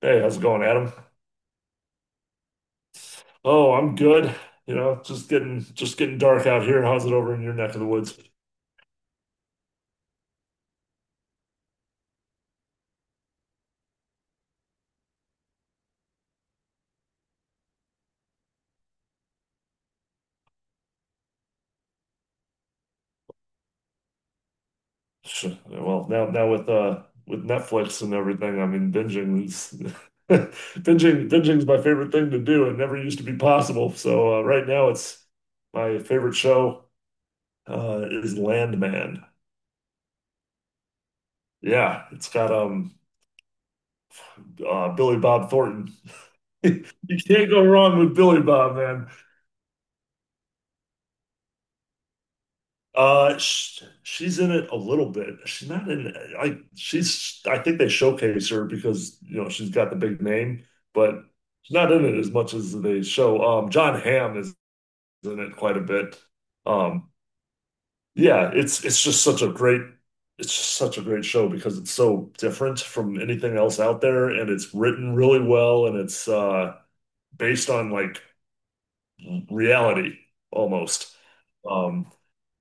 Hey, how's it going, Adam? Oh, I'm good. You know, just getting dark out here. How's it over in your neck of the woods? Well, now with Netflix and everything, I mean binging is binging's my favorite thing to do. It never used to be possible. So right now it's my favorite show is Landman. Yeah, it's got Billy Bob Thornton. You can't go wrong with Billy Bob. Sh She's in it a little bit. She's not in. I she's. I think they showcase her because you know she's got the big name, but she's not in it as much as they show. John Hamm is in it quite a bit. Um, yeah, it's just such a great. It's just such a great show because it's so different from anything else out there, and it's written really well, and it's based on like reality almost. Um,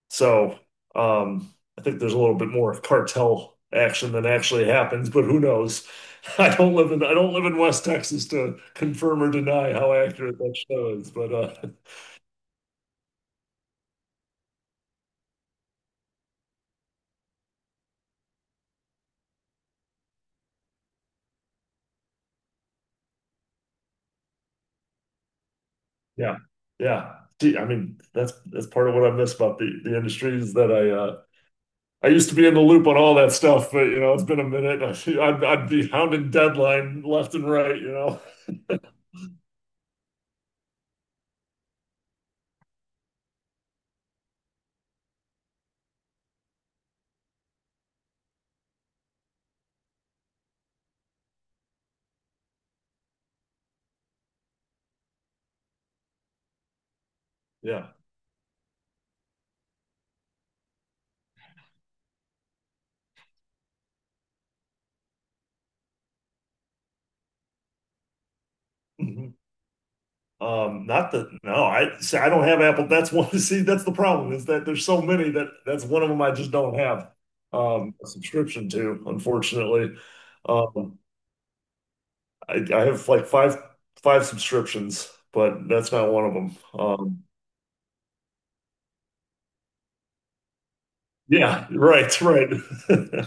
so I think there's a little bit more of cartel action than actually happens, but who knows? I don't live in West Texas to confirm or deny how accurate that show is, but yeah, yeah. Gee, I mean, that's part of what I miss about the industry is that I used to be in the loop on all that stuff, but you know, it's been a minute. I'd be hounding deadline left and right, you know. Yeah. Mhm. Not the no, I see, I don't have Apple. That's one. See, that's the problem is that there's so many that that's one of them I just don't have a subscription to, unfortunately. Um, I have like five subscriptions, but that's not one of them. Yeah, right, right.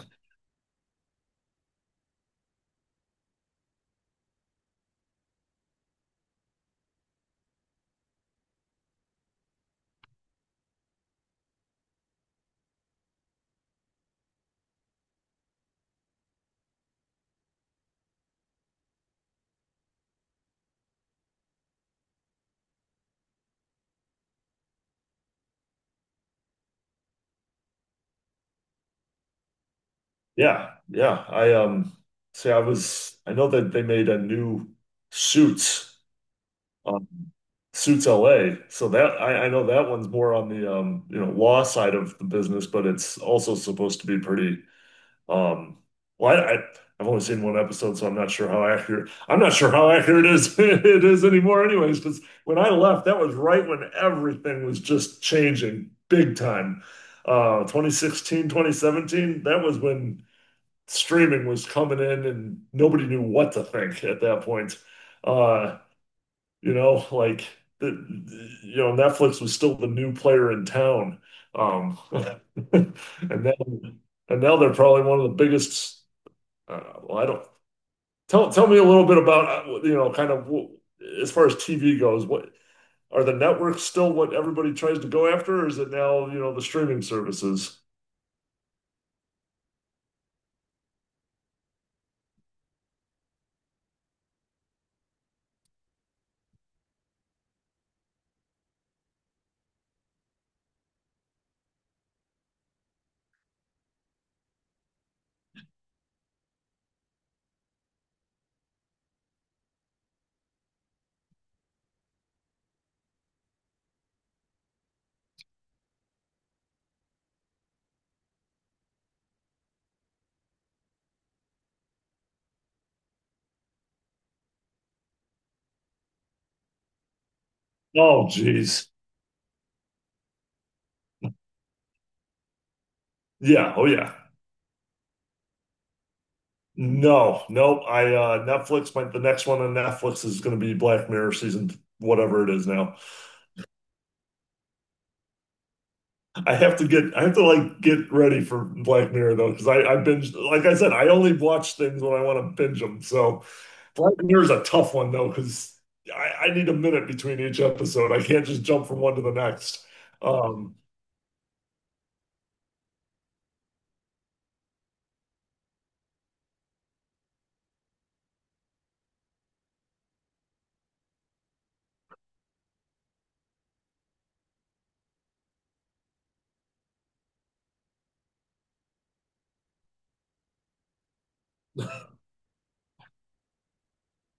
Yeah, yeah. I see, I was I know that they made a new Suits. um, Suits LA. So that I know that one's more on the you know, law side of the business, but it's also supposed to be pretty um well I, I I've only seen one episode, so I'm not sure how accurate it is it is anymore anyways, because when I left, that was right when everything was just changing big time. 2016, 2017, that was when streaming was coming in and nobody knew what to think at that point. Uh you know, like you know, Netflix was still the new player in town. Um, and then and now they're probably one of the biggest. Well, I don't Tell me a little bit about you know, kind of as far as TV goes. What are the networks still what everybody tries to go after, or is it now you know the streaming services? Oh, geez. Yeah. Oh, yeah. No, nope. I Netflix. The next one on Netflix is going to be Black Mirror season, whatever it is now. I have to like get ready for Black Mirror though, because I binge like I said, I only watch things when I want to binge them. So Black Mirror is a tough one though, because I need a minute between each episode. I can't just jump from one to the next. Um,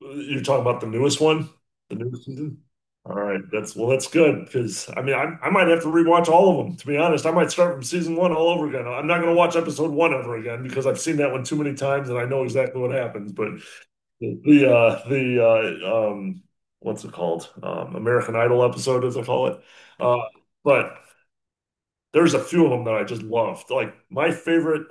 you're talking about the newest one, the newest season? All right, that's well, that's good because I mean, I might have to rewatch all of them. To be honest, I might start from season one all over again. I'm not going to watch episode one ever again because I've seen that one too many times and I know exactly what happens. But the what's it called? American Idol episode as I call it. Uh but there's a few of them that I just loved. Like my favorite,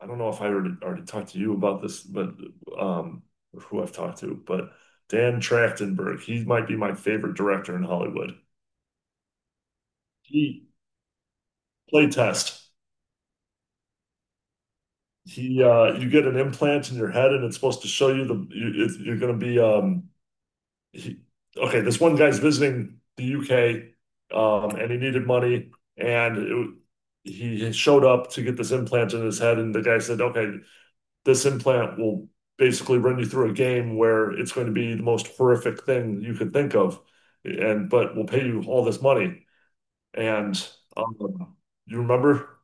I don't know if I already talked to you about this, but um or who I've talked to, but Dan Trachtenberg, he might be my favorite director in Hollywood. He Play test. He You get an implant in your head and it's supposed to show you you're going to be he, okay, this one guy's visiting the UK, and he needed money, and he showed up to get this implant in his head, and the guy said, "Okay, this implant will basically run you through a game where it's going to be the most horrific thing you could think of, and but we'll pay you all this money." And um, you remember?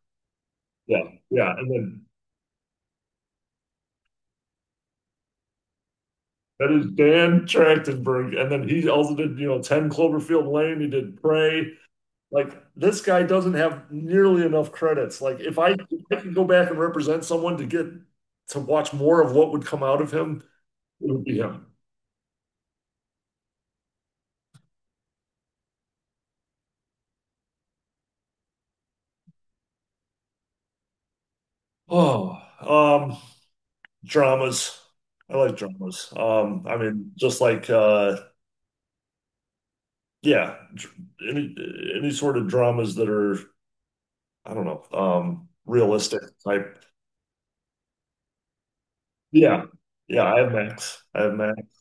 Yeah, yeah, and then. That is Dan Trachtenberg. And then he also did, you know, 10 Cloverfield Lane. He did Prey. Like this guy doesn't have nearly enough credits. Like if I could go back and represent someone to get to watch more of what would come out of him, it would be him. Oh, um, Dramas. I like dramas. I mean, just like yeah, dr- any sort of dramas that are I don't know, realistic type. Yeah, yeah. I have Max. I have Max.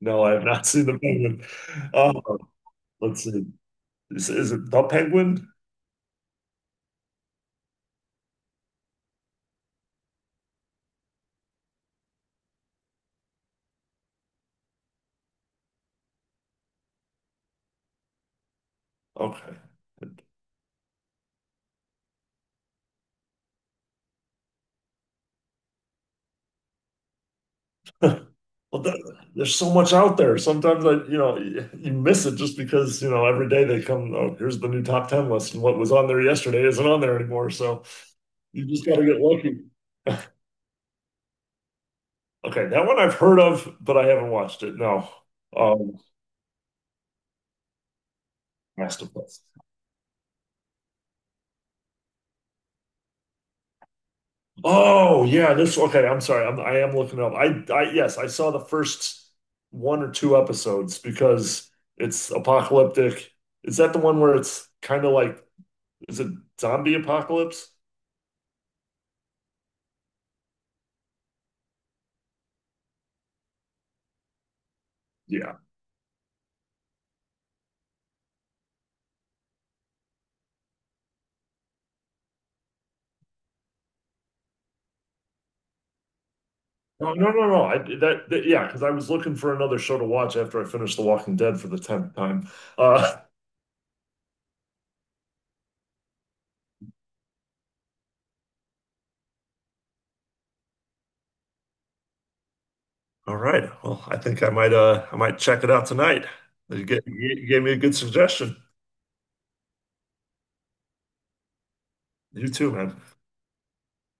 No, I have not seen the Penguin. Um, let's see. Is it the Penguin? Okay. Well, there's so much out there. Sometimes you know, you miss it just because, you know, every day they come, oh, here's the new top 10 list, and what was on there yesterday isn't on there anymore. So you just got to get lucky. Okay, that one I've heard of, but I haven't watched it. No. Um, Masterpiece. Oh, yeah, this okay, I'm sorry. I am looking it up. I Yes, I saw the first one or two episodes because it's apocalyptic. Is that the one where it's kind of like is it zombie apocalypse? Yeah. No, no, no, no. I that, that Yeah, because I was looking for another show to watch after I finished The Walking Dead for the tenth time. Uh, All right. Well, I think I might check it out tonight. You gave me a good suggestion. You too, man.